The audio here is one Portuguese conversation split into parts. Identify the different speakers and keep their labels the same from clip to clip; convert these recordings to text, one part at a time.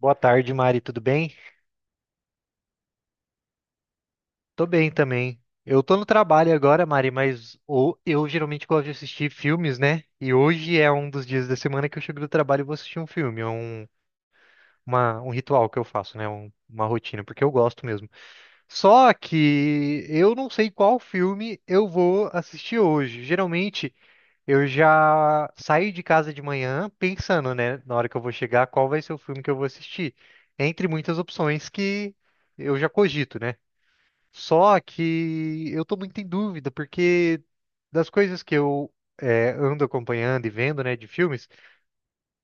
Speaker 1: Boa tarde, Mari, tudo bem? Tô bem também. Eu tô no trabalho agora, Mari, mas eu geralmente gosto de assistir filmes, né? E hoje é um dos dias da semana que eu chego do trabalho e vou assistir um filme. É um ritual que eu faço, né? Uma rotina, porque eu gosto mesmo. Só que eu não sei qual filme eu vou assistir hoje. Geralmente eu já saio de casa de manhã pensando, né? Na hora que eu vou chegar, qual vai ser o filme que eu vou assistir. Entre muitas opções que eu já cogito, né? Só que eu tô muito em dúvida, porque das coisas que eu ando acompanhando e vendo, né, de filmes,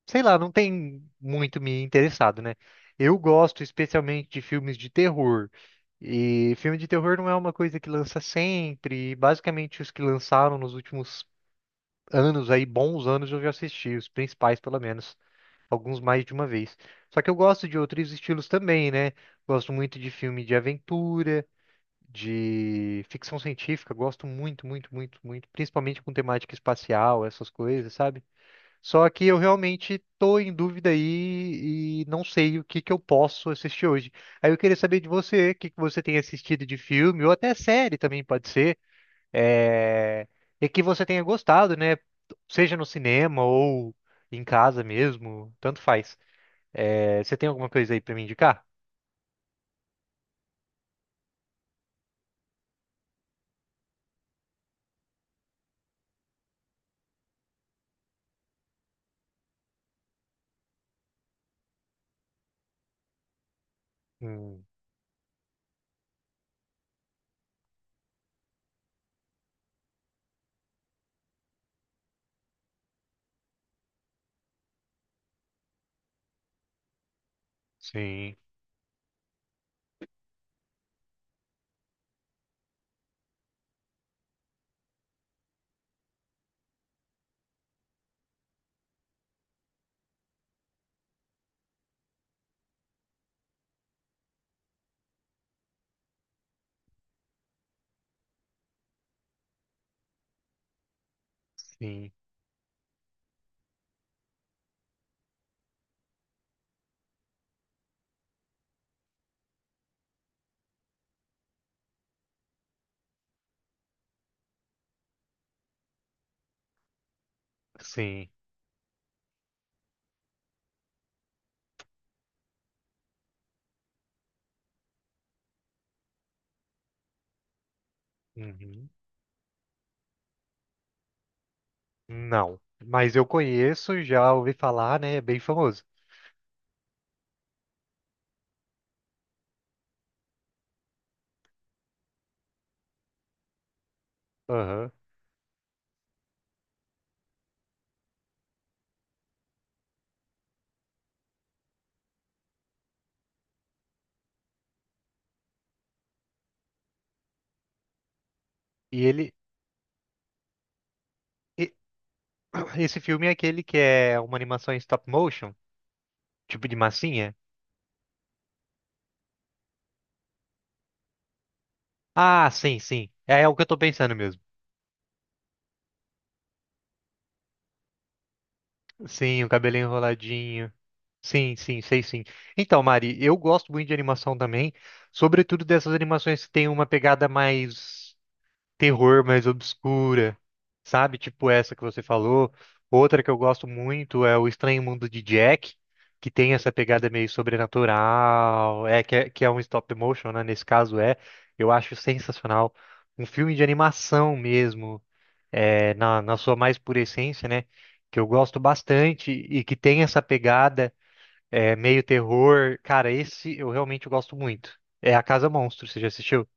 Speaker 1: sei lá, não tem muito me interessado, né? Eu gosto especialmente de filmes de terror. E filme de terror não é uma coisa que lança sempre. Basicamente, os que lançaram nos últimos anos, aí, bons anos, eu já assisti, os principais, pelo menos. Alguns mais de uma vez. Só que eu gosto de outros estilos também, né? Gosto muito de filme de aventura de ficção científica, gosto muito, muito, muito, muito, principalmente com temática espacial, essas coisas, sabe? Só que eu realmente tô em dúvida aí e não sei o que que eu posso assistir hoje. Aí eu queria saber de você, o que que você tem assistido de filme, ou até série também pode ser, é... e que você tenha gostado, né? Seja no cinema ou em casa mesmo, tanto faz. É, você tem alguma coisa aí pra me indicar? Hum, sim, sim, sim. Uhum. Não, mas eu conheço, já ouvi falar, né? É bem famoso. Aham. E ele, e- esse filme é aquele que é uma animação em stop motion? Tipo de massinha? Ah, sim, sim. É, é o que eu tô pensando mesmo. Sim, o cabelinho enroladinho. Sim, sim, sei sim. Então, Mari, eu gosto muito de animação também, sobretudo dessas animações que tem uma pegada mais terror, mais obscura, sabe? Tipo essa que você falou. Outra que eu gosto muito é O Estranho Mundo de Jack, que tem essa pegada meio sobrenatural, que é um stop motion, né? Nesse caso é, eu acho sensacional. Um filme de animação mesmo. É, na sua mais pura essência, né? Que eu gosto bastante e que tem essa pegada meio terror. Cara, esse eu realmente gosto muito. É A Casa Monstro, você já assistiu?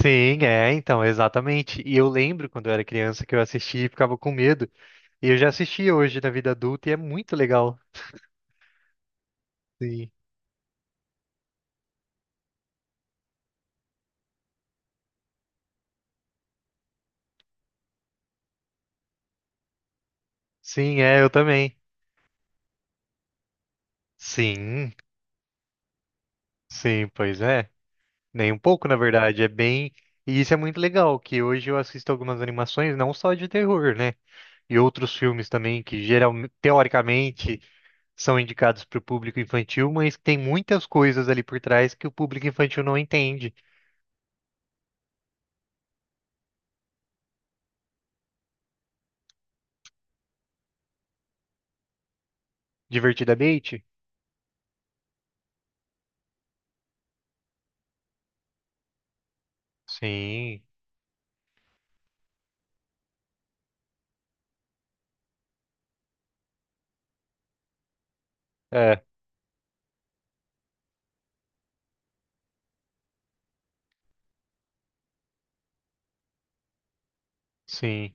Speaker 1: Sim, é, então, exatamente. E eu lembro quando eu era criança que eu assistia e ficava com medo. E eu já assisti hoje na vida adulta e é muito legal. Sim. Sim, é, eu também. Sim, sim, pois é. Nem um pouco, na verdade. É bem. E isso é muito legal, que hoje eu assisto algumas animações, não só de terror, né? E outros filmes também que geral teoricamente, são indicados para o público infantil, mas tem muitas coisas ali por trás que o público infantil não entende. Divertidamente? Sim, é, sim.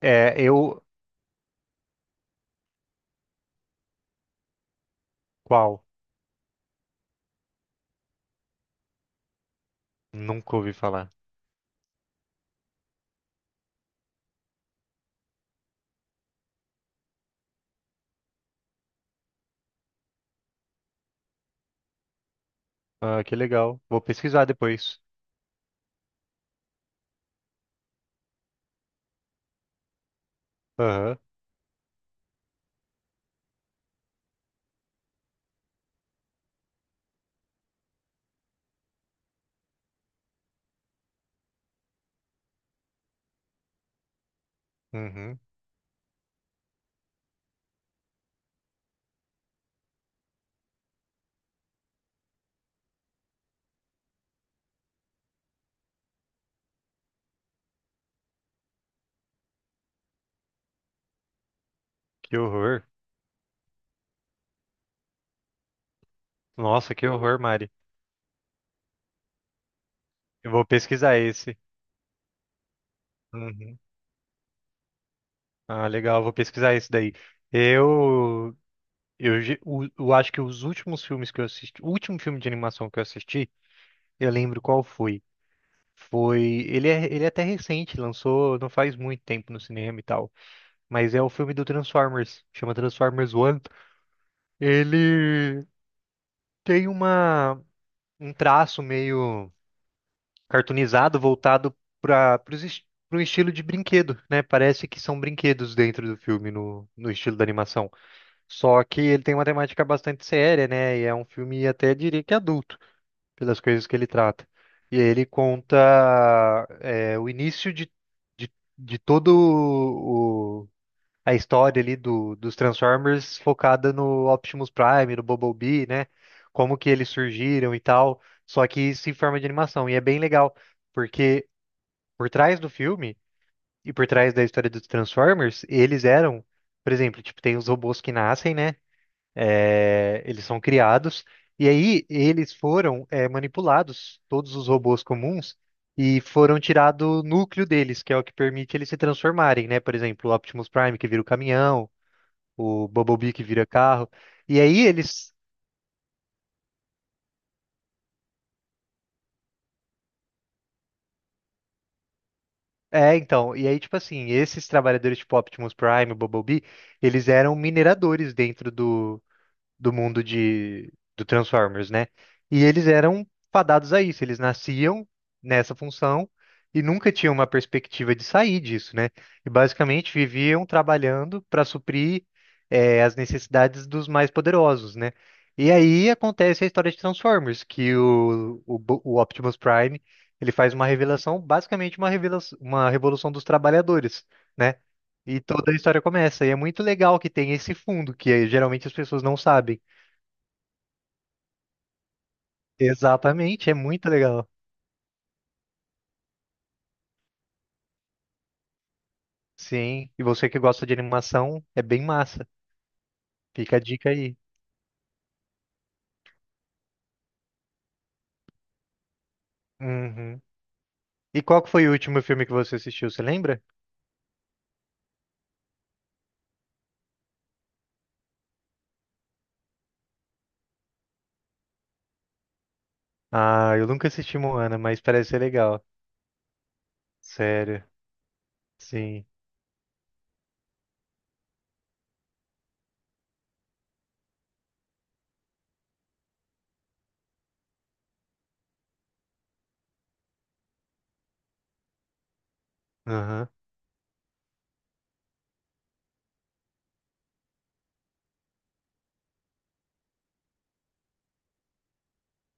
Speaker 1: É, eu. Qual? Nunca ouvi falar. Ah, que legal. Vou pesquisar depois. Aham. Uhum. Que horror. Nossa, que horror, Mari. Eu vou pesquisar esse. Uhum. Ah, legal, vou pesquisar esse daí. Eu eu acho que os últimos filmes que eu assisti, o último filme de animação que eu assisti, eu lembro qual foi. Foi, ele é até recente, lançou não faz muito tempo no cinema e tal, mas é o filme do Transformers, chama Transformers One. Ele tem uma um traço meio cartoonizado voltado para para um estilo de brinquedo, né? Parece que são brinquedos dentro do filme no estilo da animação. Só que ele tem uma temática bastante séria, né? E é um filme até diria que adulto. Pelas coisas que ele trata. E aí ele conta é, o início de, de todo o, a história ali dos Transformers focada no Optimus Prime, no Bumblebee, né? Como que eles surgiram e tal, só que isso em forma de animação. E é bem legal, porque por trás do filme e por trás da história dos Transformers, eles eram, por exemplo, tipo, tem os robôs que nascem, né? É, eles são criados e aí eles foram manipulados, todos os robôs comuns, e foram tirado o núcleo deles, que é o que permite eles se transformarem, né? Por exemplo, o Optimus Prime que vira o caminhão, o Bumblebee que vira carro. E aí eles É, então, e aí, tipo assim, esses trabalhadores tipo Optimus Prime, o Bumblebee, eles eram mineradores dentro do mundo de do Transformers, né? E eles eram fadados a isso, eles nasciam nessa função e nunca tinham uma perspectiva de sair disso, né? E basicamente viviam trabalhando para suprir as necessidades dos mais poderosos, né? E aí acontece a história de Transformers, que o Optimus Prime ele faz uma revelação, basicamente uma revelação, uma revolução dos trabalhadores, né? E toda a história começa. E é muito legal que tem esse fundo, que eh, geralmente as pessoas não sabem. Exatamente, é muito legal. Sim, e você que gosta de animação, é bem massa. Fica a dica aí. Uhum. E qual que foi o último filme que você assistiu, você lembra? Ah, eu nunca assisti Moana, mas parece ser legal. Sério. Sim. Aham.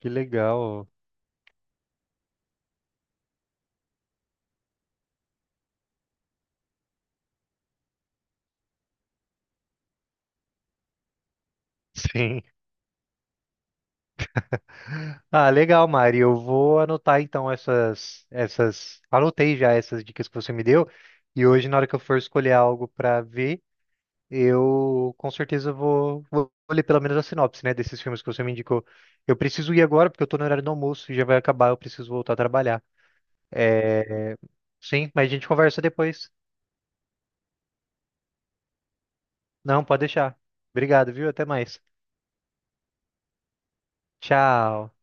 Speaker 1: Que legal. Sim. Ah, legal, Mari. Eu vou anotar então anotei já essas dicas que você me deu e hoje na hora que eu for escolher algo pra ver, eu com certeza vou ler pelo menos a sinopse, né, desses filmes que você me indicou. Eu preciso ir agora porque eu tô no horário do almoço e já vai acabar, eu preciso voltar a trabalhar. É, sim, mas a gente conversa depois. Não, pode deixar. Obrigado, viu? Até mais. Tchau.